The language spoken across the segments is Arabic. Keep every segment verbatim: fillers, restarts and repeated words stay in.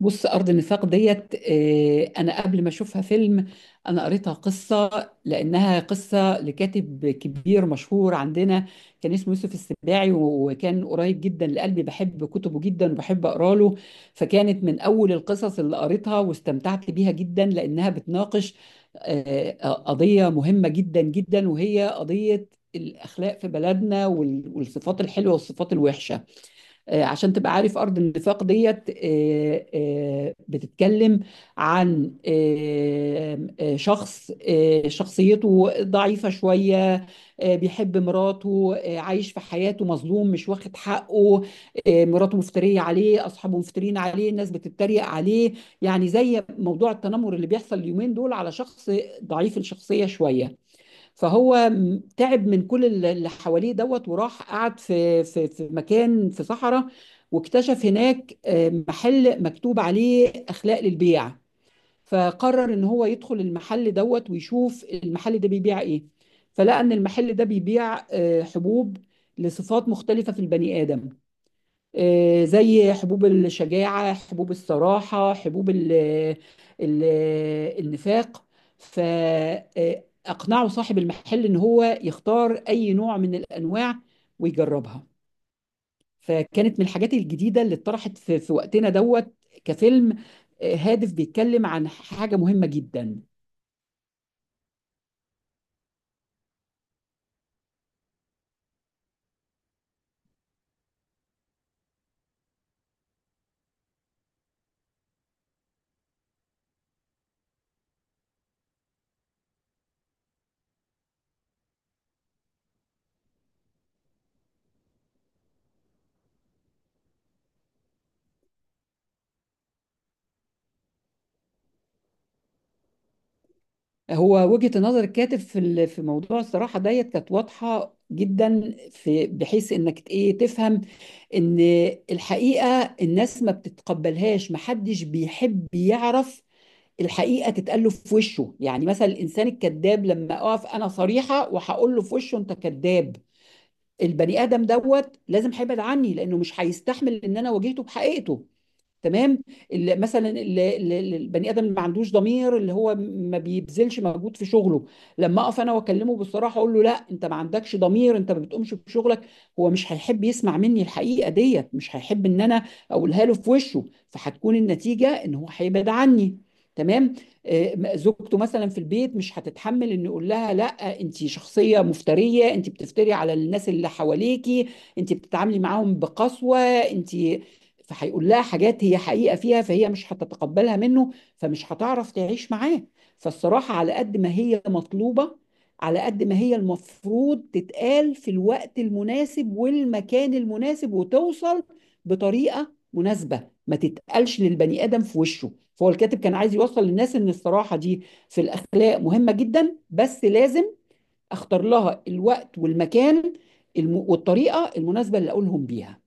بص، أرض النفاق ديت، آه، أنا قبل ما أشوفها فيلم. أنا قريتها قصة، لأنها قصة لكاتب كبير مشهور عندنا. كان اسمه يوسف السباعي، وكان قريب جدا لقلبي، بحب كتبه جدا وبحب أقرأ له. فكانت من أول القصص اللي قريتها واستمتعت بيها جدا، لأنها بتناقش آه، آه، قضية مهمة جدا جدا، وهي قضية الأخلاق في بلدنا، وال- والصفات الحلوة والصفات الوحشة. آه، عشان تبقى عارف، أرض النفاق ديت آه، آه، بتتكلم عن آه، آه، شخص، آه، شخصيته ضعيفة شوية. آه، بيحب مراته، آه، عايش في حياته مظلوم، مش واخد حقه. آه، مراته مفترية عليه، أصحابه مفترين عليه، الناس بتتريق عليه. يعني زي موضوع التنمر اللي بيحصل اليومين دول على شخص ضعيف الشخصية شوية. فهو م- تعب من كل الل- اللي حواليه دوت، وراح قعد في في في مكان في صحراء. واكتشف هناك آه، محل مكتوب عليه اخلاق للبيع. فقرر ان هو يدخل المحل دوت، ويشوف المحل ده بيبيع ايه. فلقى ان المحل ده بيبيع آه، حبوب لصفات مختلفة في البني آدم. آه، زي حبوب الشجاعة، حبوب الصراحة، حبوب ال ال النفاق. فأقنعوا صاحب المحل إن هو يختار أي نوع من الأنواع ويجربها. فكانت من الحاجات الجديدة اللي اتطرحت في في وقتنا دوت، كفيلم آه، هادف بيتكلم عن حاجة مهمة جدا. هو وجهة نظر الكاتب في ال- في موضوع الصراحة ديت كانت واضحة جدا، في بحيث انك ايه تفهم ان الحقيقة الناس ما بتتقبلهاش، محدش بيحب يعرف الحقيقة تتقال له في وشه. يعني مثلا الانسان الكذاب، لما اقف انا صريحة وهقول له في وشه انت كذاب، البني ادم دوت لازم هيبعد عني، لانه مش هيستحمل ان انا واجهته بحقيقته. تمام. اللي مثلا اللي اللي- اللي البني ادم اللي ما عندوش ضمير، اللي هو ما بيبذلش مجهود في شغله، لما اقف انا واكلمه بالصراحه، اقول له لا انت ما عندكش ضمير، انت ما بتقومش بشغلك، هو مش هيحب يسمع مني الحقيقه ديت، مش هيحب ان انا اقولها له في وشه. فهتكون النتيجه ان هو هيبعد عني. تمام. آه، م- زوجته مثلا في البيت مش هتتحمل ان يقول لها لا، انت شخصيه مفتريه، انت بتفتري على الناس اللي حواليكي، انت بتتعاملي معاهم بقسوه انت. فهيقول لها حاجات هي حقيقة فيها، فهي مش هتتقبلها منه، فمش هتعرف تعيش معاه. فالصراحة على قد ما هي مطلوبة، على قد ما هي المفروض تتقال في الوقت المناسب والمكان المناسب، وتوصل بطريقة مناسبة، ما تتقالش للبني آدم في وشه. فهو الكاتب كان عايز يوصل للناس إن الصراحة دي في الأخلاق مهمة جدا، بس لازم أختار لها الوقت والمكان الم- والطريقة المناسبة اللي أقولهم بيها.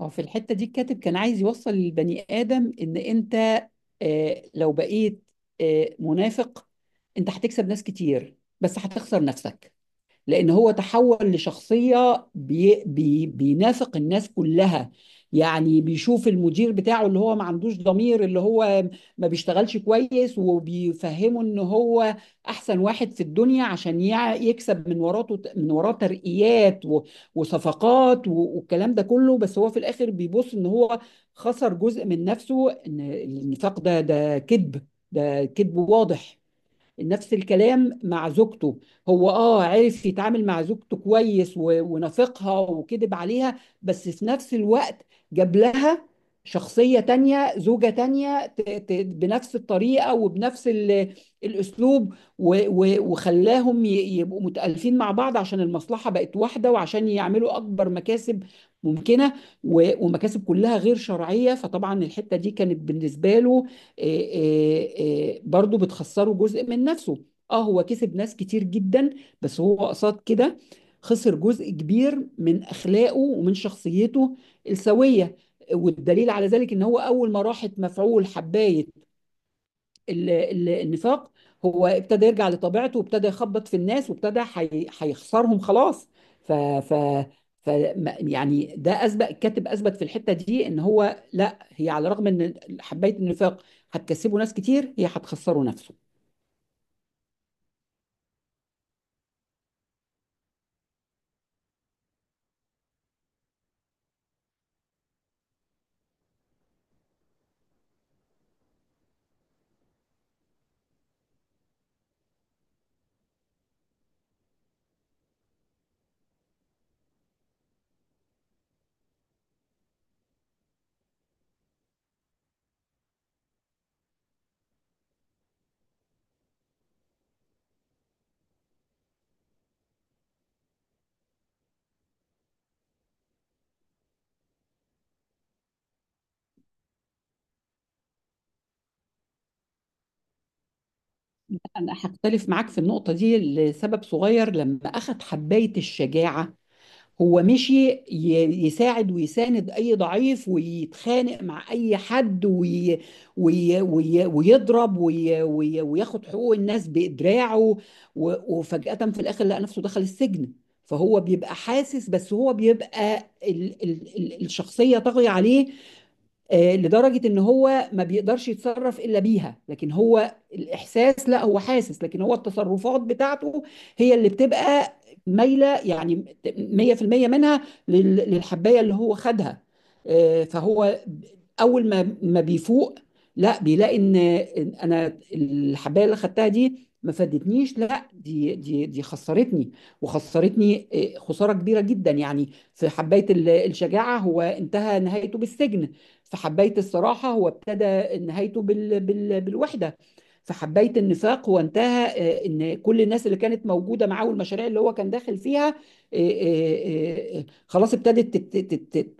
هو في الحتة دي الكاتب كان عايز يوصل للبني آدم إن أنت آه، لو بقيت آه، منافق، أنت هتكسب ناس كتير، بس هتخسر نفسك. لأن هو تحول لشخصية بي بي بينافق الناس كلها. يعني بيشوف المدير بتاعه اللي هو ما عندوش ضمير، اللي هو ما بيشتغلش كويس، وبيفهمه ان هو احسن واحد في الدنيا، عشان يع- يكسب من وراته من وراه ترقيات و- وصفقات و- والكلام ده كله. بس هو في الاخر بيبص ان هو خسر جزء من نفسه، ان النفاق ده ده كذب، ده كذب واضح. نفس الكلام مع زوجته. هو اه عرف يتعامل مع زوجته كويس و- ونافقها وكذب عليها، بس في نفس الوقت جاب لها شخصية تانية، زوجة تانية ت- ت- بنفس الطريقة وبنفس ال- الأسلوب و- و- وخلاهم ي- يبقوا متألفين مع بعض، عشان المصلحة بقت واحدة، وعشان يعملوا أكبر مكاسب ممكنة، و- ومكاسب كلها غير شرعية. فطبعا الحتة دي كانت بالنسبة له آه، آه، آه، برضو بتخسره جزء من نفسه. اه، هو كسب ناس كتير جدا، بس هو قصاد كده خسر جزء كبير من اخلاقه ومن شخصيته السويه. والدليل على ذلك ان هو اول ما راحت مفعول حبايه ال- ال- النفاق، هو ابتدى يرجع لطبيعته، وابتدى يخبط في الناس، وابتدى حي- هيخسرهم خلاص. ف ف ف ما- يعني ده اثبت الكاتب، اثبت في الحته دي ان هو لا، هي على الرغم ان حبايه النفاق هتكسبه ناس كتير، هي هتخسره نفسه. انا هختلف معاك في النقطه دي لسبب صغير. لما اخذ حبايه الشجاعه، هو مشي ي- يساعد ويساند اي ضعيف، ويتخانق مع اي حد وي وي وي ويضرب وي وي وياخد حقوق الناس بإدراعه، و- وفجأة في الاخر لقى نفسه دخل السجن. فهو بيبقى حاسس، بس هو بيبقى ال ال ال الشخصية طاغية عليه. آه، لدرجة ان هو ما بيقدرش يتصرف الا بيها، لكن هو الاحساس لا، هو حاسس، لكن هو التصرفات بتاعته هي اللي بتبقى مايلة، يعني مية في المية منها لل- للحباية اللي هو خدها. آه، فهو ب- اول ما ما بيفوق، لا، بيلاقي ان إن انا الحباية اللي خدتها دي ما فادتنيش، لا، دي دي دي خسرتني وخسرتني، آه، خسارة كبيرة جدا يعني. في حباية ال- الشجاعة، هو انتهى نهايته بالسجن. في حباية الصراحة هو ابتدى نهايته بال... بال... بالوحدة. في حباية النفاق هو انتهى آه، ان كل الناس اللي كانت موجودة معاه، والمشاريع اللي هو كان داخل فيها آه، آه، آه، آه، خلاص، ابتدت تت- تت-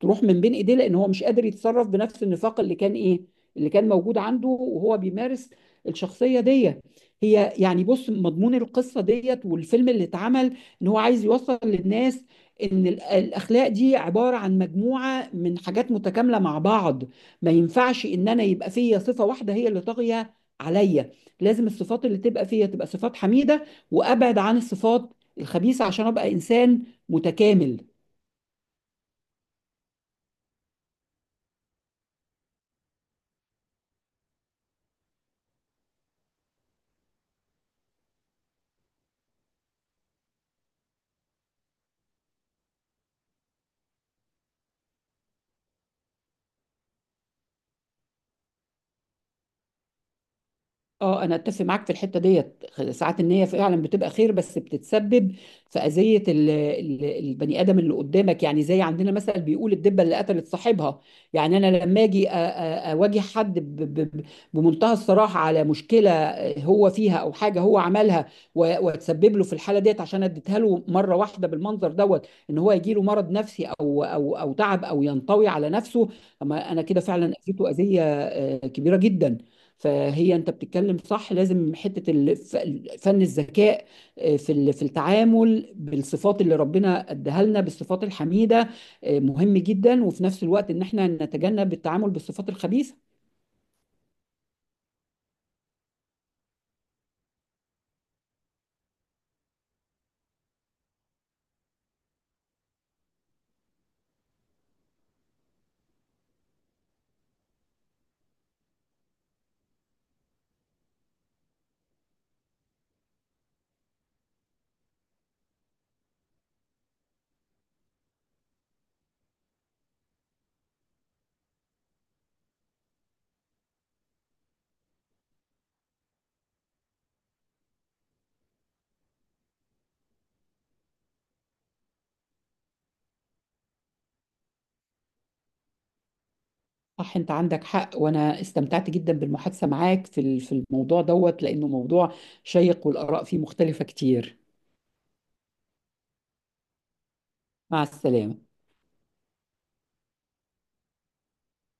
تروح من بين ايديه، لان هو مش قادر يتصرف بنفس النفاق اللي كان ايه، اللي كان موجود عنده وهو بيمارس الشخصيه دي. هي يعني، بص، مضمون القصه ديت والفيلم اللي اتعمل ان هو عايز يوصل للناس ان ال- الاخلاق دي عباره عن مجموعه من حاجات متكامله مع بعض. ما ينفعش ان انا يبقى فيا صفه واحده هي اللي طاغيه عليا. لازم الصفات اللي تبقى فيا تبقى صفات حميده، وابعد عن الصفات الخبيثه عشان ابقى انسان متكامل. اه، انا اتفق معاك في الحته ديت. ساعات النيه فعلا بتبقى خير، بس بتتسبب في اذيه ال- ال- البني ادم اللي قدامك. يعني زي عندنا مثلا بيقول الدبه اللي قتلت صاحبها. يعني انا لما اجي أ- أ- اواجه حد ب- ب- ب- بمنتهى الصراحه على مشكله هو فيها او حاجه هو عملها، و- واتسبب له في الحاله ديت، عشان اديتها له مره واحده بالمنظر دوت، ان هو يجي له مرض نفسي او او او تعب او ينطوي على نفسه. اما انا كده فعلا اذيته اذيه آه، كبيره جدا. فهي انت بتتكلم صح، لازم حته الف- فن الذكاء آه، في ال- في التعامل بالصفات اللي ربنا اداها لنا، بالصفات الحميده آه، مهم جدا، وفي نفس الوقت ان احنا نتجنب التعامل بالصفات الخبيثه. صح، انت عندك حق، وانا استمتعت جدا بالمحادثه معاك في ال- في الموضوع دوت، لانه موضوع شيق والاراء فيه مختلفه كتير. مع السلامه.